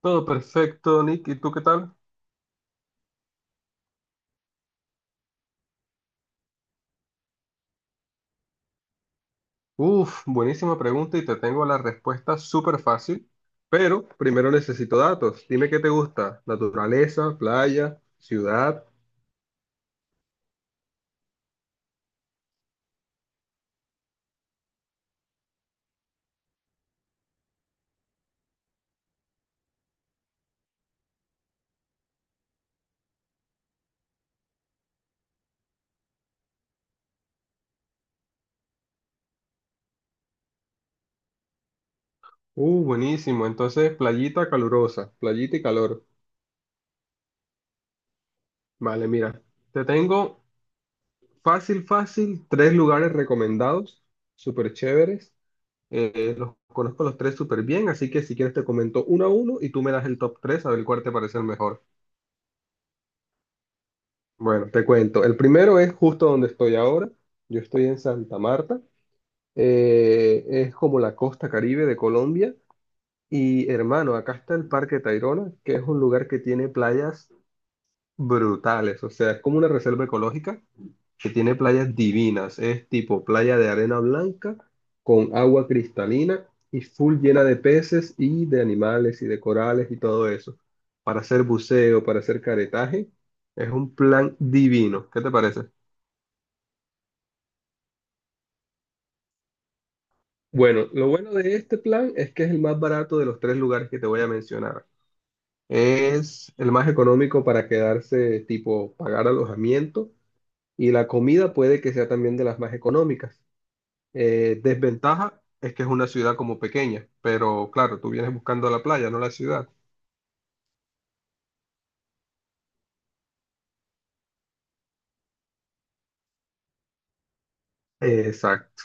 Todo perfecto, Nick. ¿Y tú qué tal? Buenísima pregunta y te tengo la respuesta súper fácil, pero primero necesito datos. Dime qué te gusta. Naturaleza, playa, ciudad. Buenísimo. Entonces, playita calurosa, playita y calor. Vale, mira, te tengo fácil, fácil, tres lugares recomendados, súper chéveres. Los conozco los tres súper bien, así que si quieres te comento uno a uno y tú me das el top tres a ver cuál te parece el mejor. Bueno, te cuento. El primero es justo donde estoy ahora. Yo estoy en Santa Marta. Es como la costa Caribe de Colombia. Y hermano, acá está el Parque Tayrona, que es un lugar que tiene playas brutales. O sea, es como una reserva ecológica que tiene playas divinas. Es tipo playa de arena blanca con agua cristalina y full llena de peces y de animales y de corales y todo eso. Para hacer buceo, para hacer caretaje, es un plan divino. ¿Qué te parece? Bueno, lo bueno de este plan es que es el más barato de los tres lugares que te voy a mencionar. Es el más económico para quedarse, tipo, pagar alojamiento y la comida puede que sea también de las más económicas. Desventaja es que es una ciudad como pequeña, pero claro, tú vienes buscando la playa, no la ciudad. Exacto,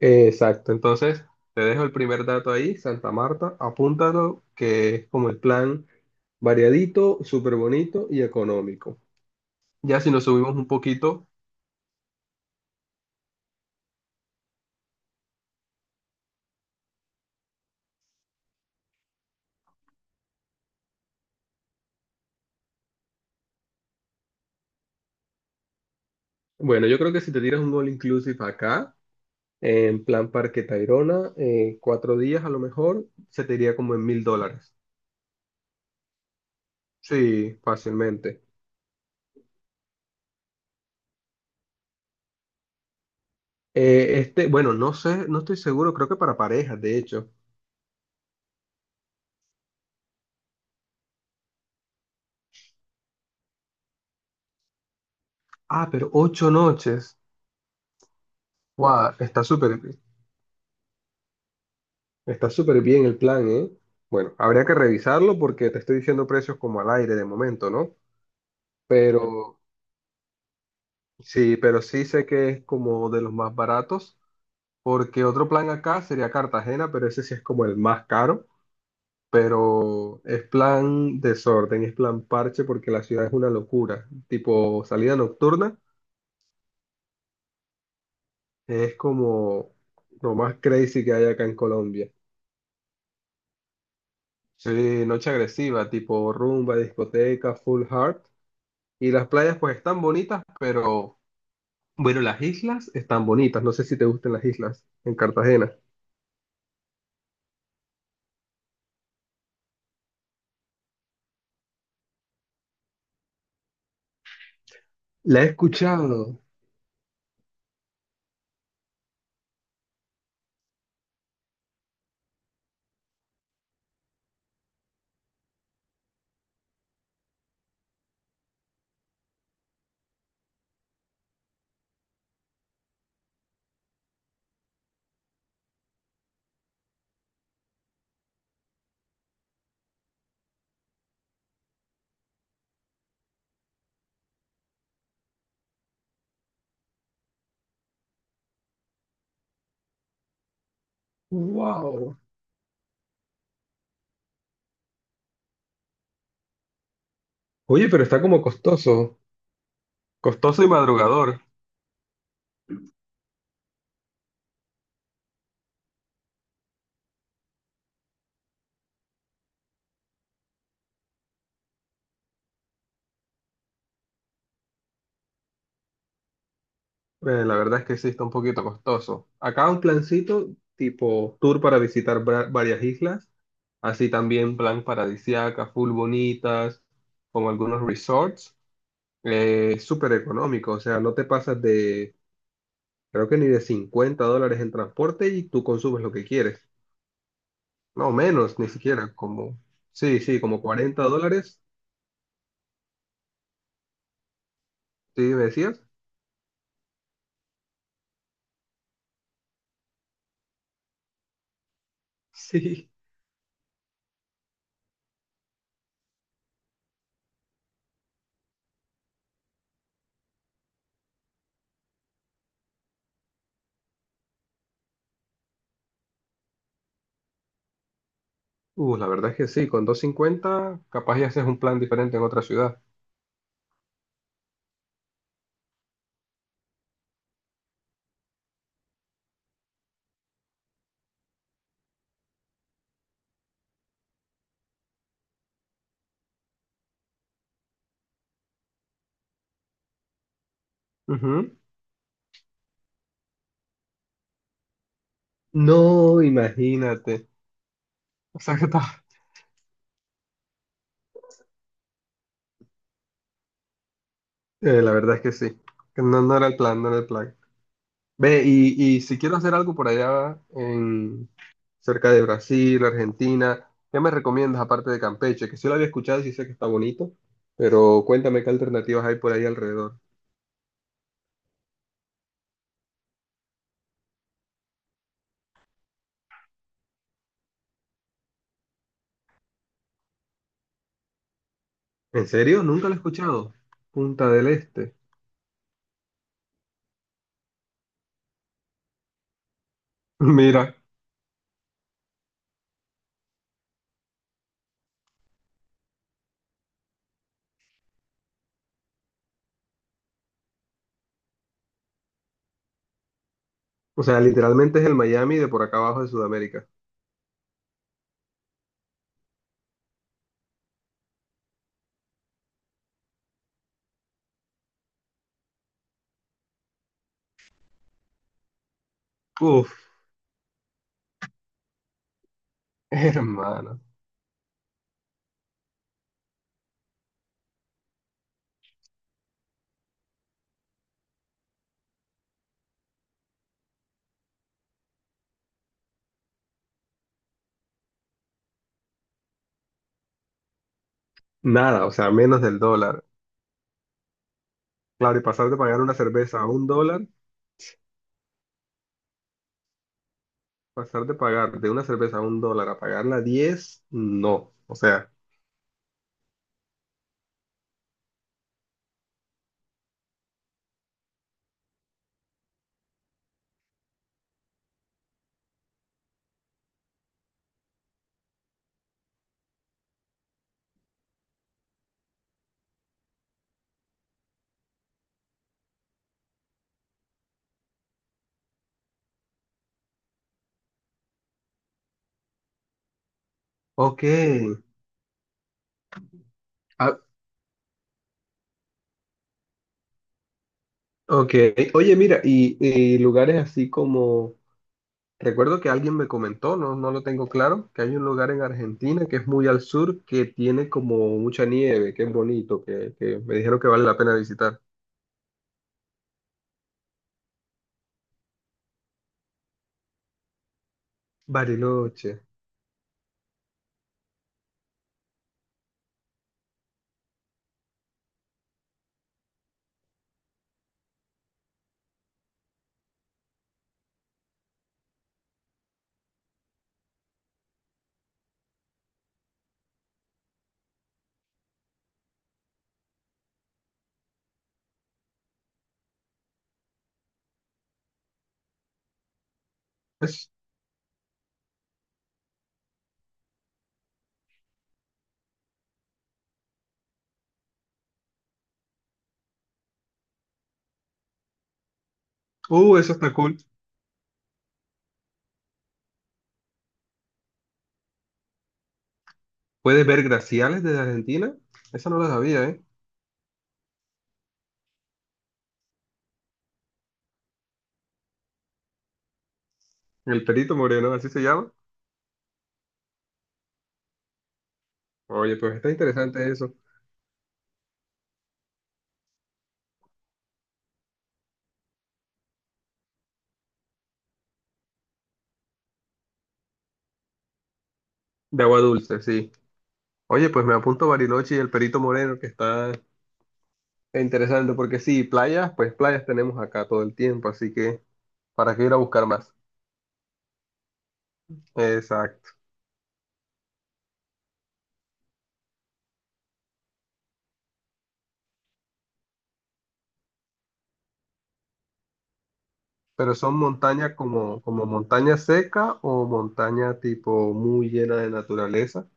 exacto. Entonces, te dejo el primer dato ahí, Santa Marta, apúntalo, que es como el plan variadito, súper bonito y económico. Ya si nos subimos un poquito. Bueno, yo creo que si te tiras un all inclusive acá, en plan Parque Tayrona, cuatro días a lo mejor, se te iría como en $1.000. Sí, fácilmente. Bueno, no sé, no estoy seguro, creo que para parejas, de hecho. Ah, pero ocho noches. Guau, está súper bien el plan, ¿eh? Bueno, habría que revisarlo porque te estoy diciendo precios como al aire de momento, ¿no? Pero sí, pero sí sé que es como de los más baratos. Porque otro plan acá sería Cartagena, pero ese sí es como el más caro, pero es plan desorden, es plan parche porque la ciudad es una locura, tipo salida nocturna, es como lo más crazy que hay acá en Colombia. Sí, noche agresiva, tipo rumba, discoteca, full heart. Y las playas pues están bonitas, pero bueno, las islas están bonitas. No sé si te gustan las islas en Cartagena. La he escuchado. Wow. Oye, pero está como costoso. Costoso y madrugador. La verdad es que sí está un poquito costoso. Acá un plancito tipo tour para visitar varias islas, así también plan paradisiaca, full bonitas, como algunos resorts, es súper económico, o sea, no te pasas de, creo que ni de $50 en transporte y tú consumes lo que quieres. No, menos, ni siquiera, como, sí, sí, como $40, ¿sí me decías? Sí. La verdad es que sí, con 250, capaz ya haces un plan diferente en otra ciudad. Ujú. No, imagínate. O sea que está. La verdad es que sí. Que no, no era el plan, no era el plan. Ve, y si quiero hacer algo por allá en cerca de Brasil, Argentina, ¿qué me recomiendas aparte de Campeche? Que sí lo había escuchado y sí sé que está bonito, pero cuéntame qué alternativas hay por ahí alrededor. ¿En serio? Nunca lo he escuchado. Punta del Este. Mira, o sea, literalmente es el Miami de por acá abajo de Sudamérica. Uf, hermano. Nada, o sea, menos del dólar. Claro, y pasar de pagar una cerveza a un dólar, pasar de pagar de una cerveza a un dólar a pagarla a 10, no. O sea, ok. Ah, ok. Oye, mira, y lugares así como, recuerdo que alguien me comentó, no, no lo tengo claro, que hay un lugar en Argentina que es muy al sur, que tiene como mucha nieve, que es bonito, que me dijeron que vale la pena visitar. Bariloche. Es- Eso está cool. ¿Puedes ver glaciales desde Argentina? Eso no lo sabía, ¿eh? El Perito Moreno, así se llama. Oye, pues está interesante eso. De agua dulce, sí. Oye, pues me apunto Bariloche y el Perito Moreno, que está interesante, porque sí, playas, pues playas tenemos acá todo el tiempo, así que ¿para qué ir a buscar más? Exacto. Pero son montañas como, como montaña seca o montaña tipo muy llena de naturaleza,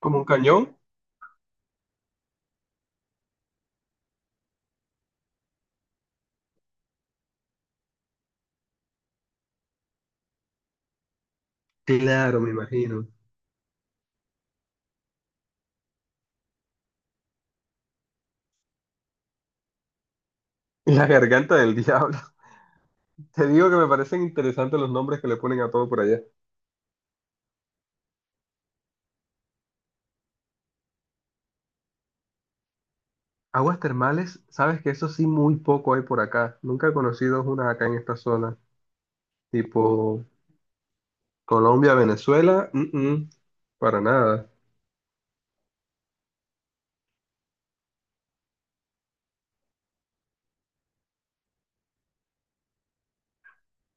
como un cañón. Claro, me imagino. La garganta del diablo. Te digo que me parecen interesantes los nombres que le ponen a todo por allá. Aguas termales, sabes que eso sí muy poco hay por acá. Nunca he conocido una acá en esta zona. Tipo Colombia, Venezuela, para nada.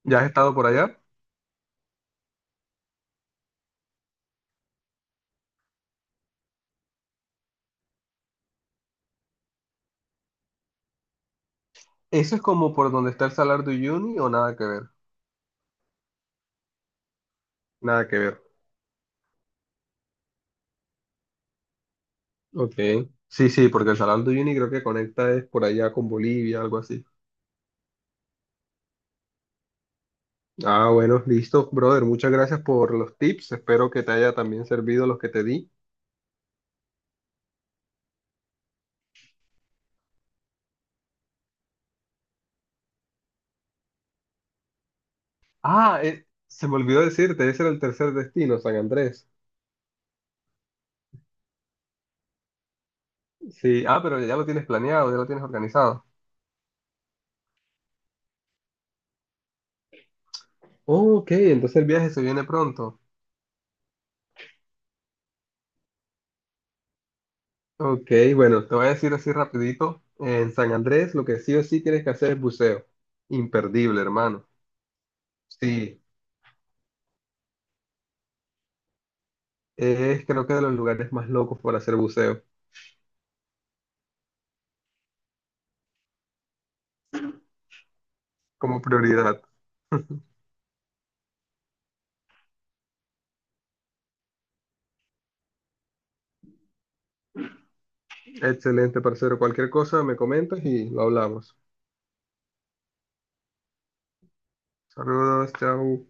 ¿Ya has estado por allá? Eso es como por donde está el Salar de Uyuni o nada que ver. Nada que ver. Ok. Sí, sí, porque el Salar de Uyuni creo que conecta es por allá con Bolivia, algo así. Ah, bueno, listo, brother. Muchas gracias por los tips. Espero que te haya también servido los que te di. Se me olvidó decirte, ese era el tercer destino, San Andrés. Sí, ah, pero ya lo tienes planeado, ya lo tienes organizado. Oh, ok, entonces el viaje se viene pronto. Ok, bueno, te voy a decir así rapidito. En San Andrés lo que sí o sí tienes que hacer es buceo. Imperdible, hermano. Sí, es creo que de los lugares más locos para hacer buceo como prioridad. Excelente, parcero. Cualquier cosa me comentas y lo hablamos. Saludos, chao.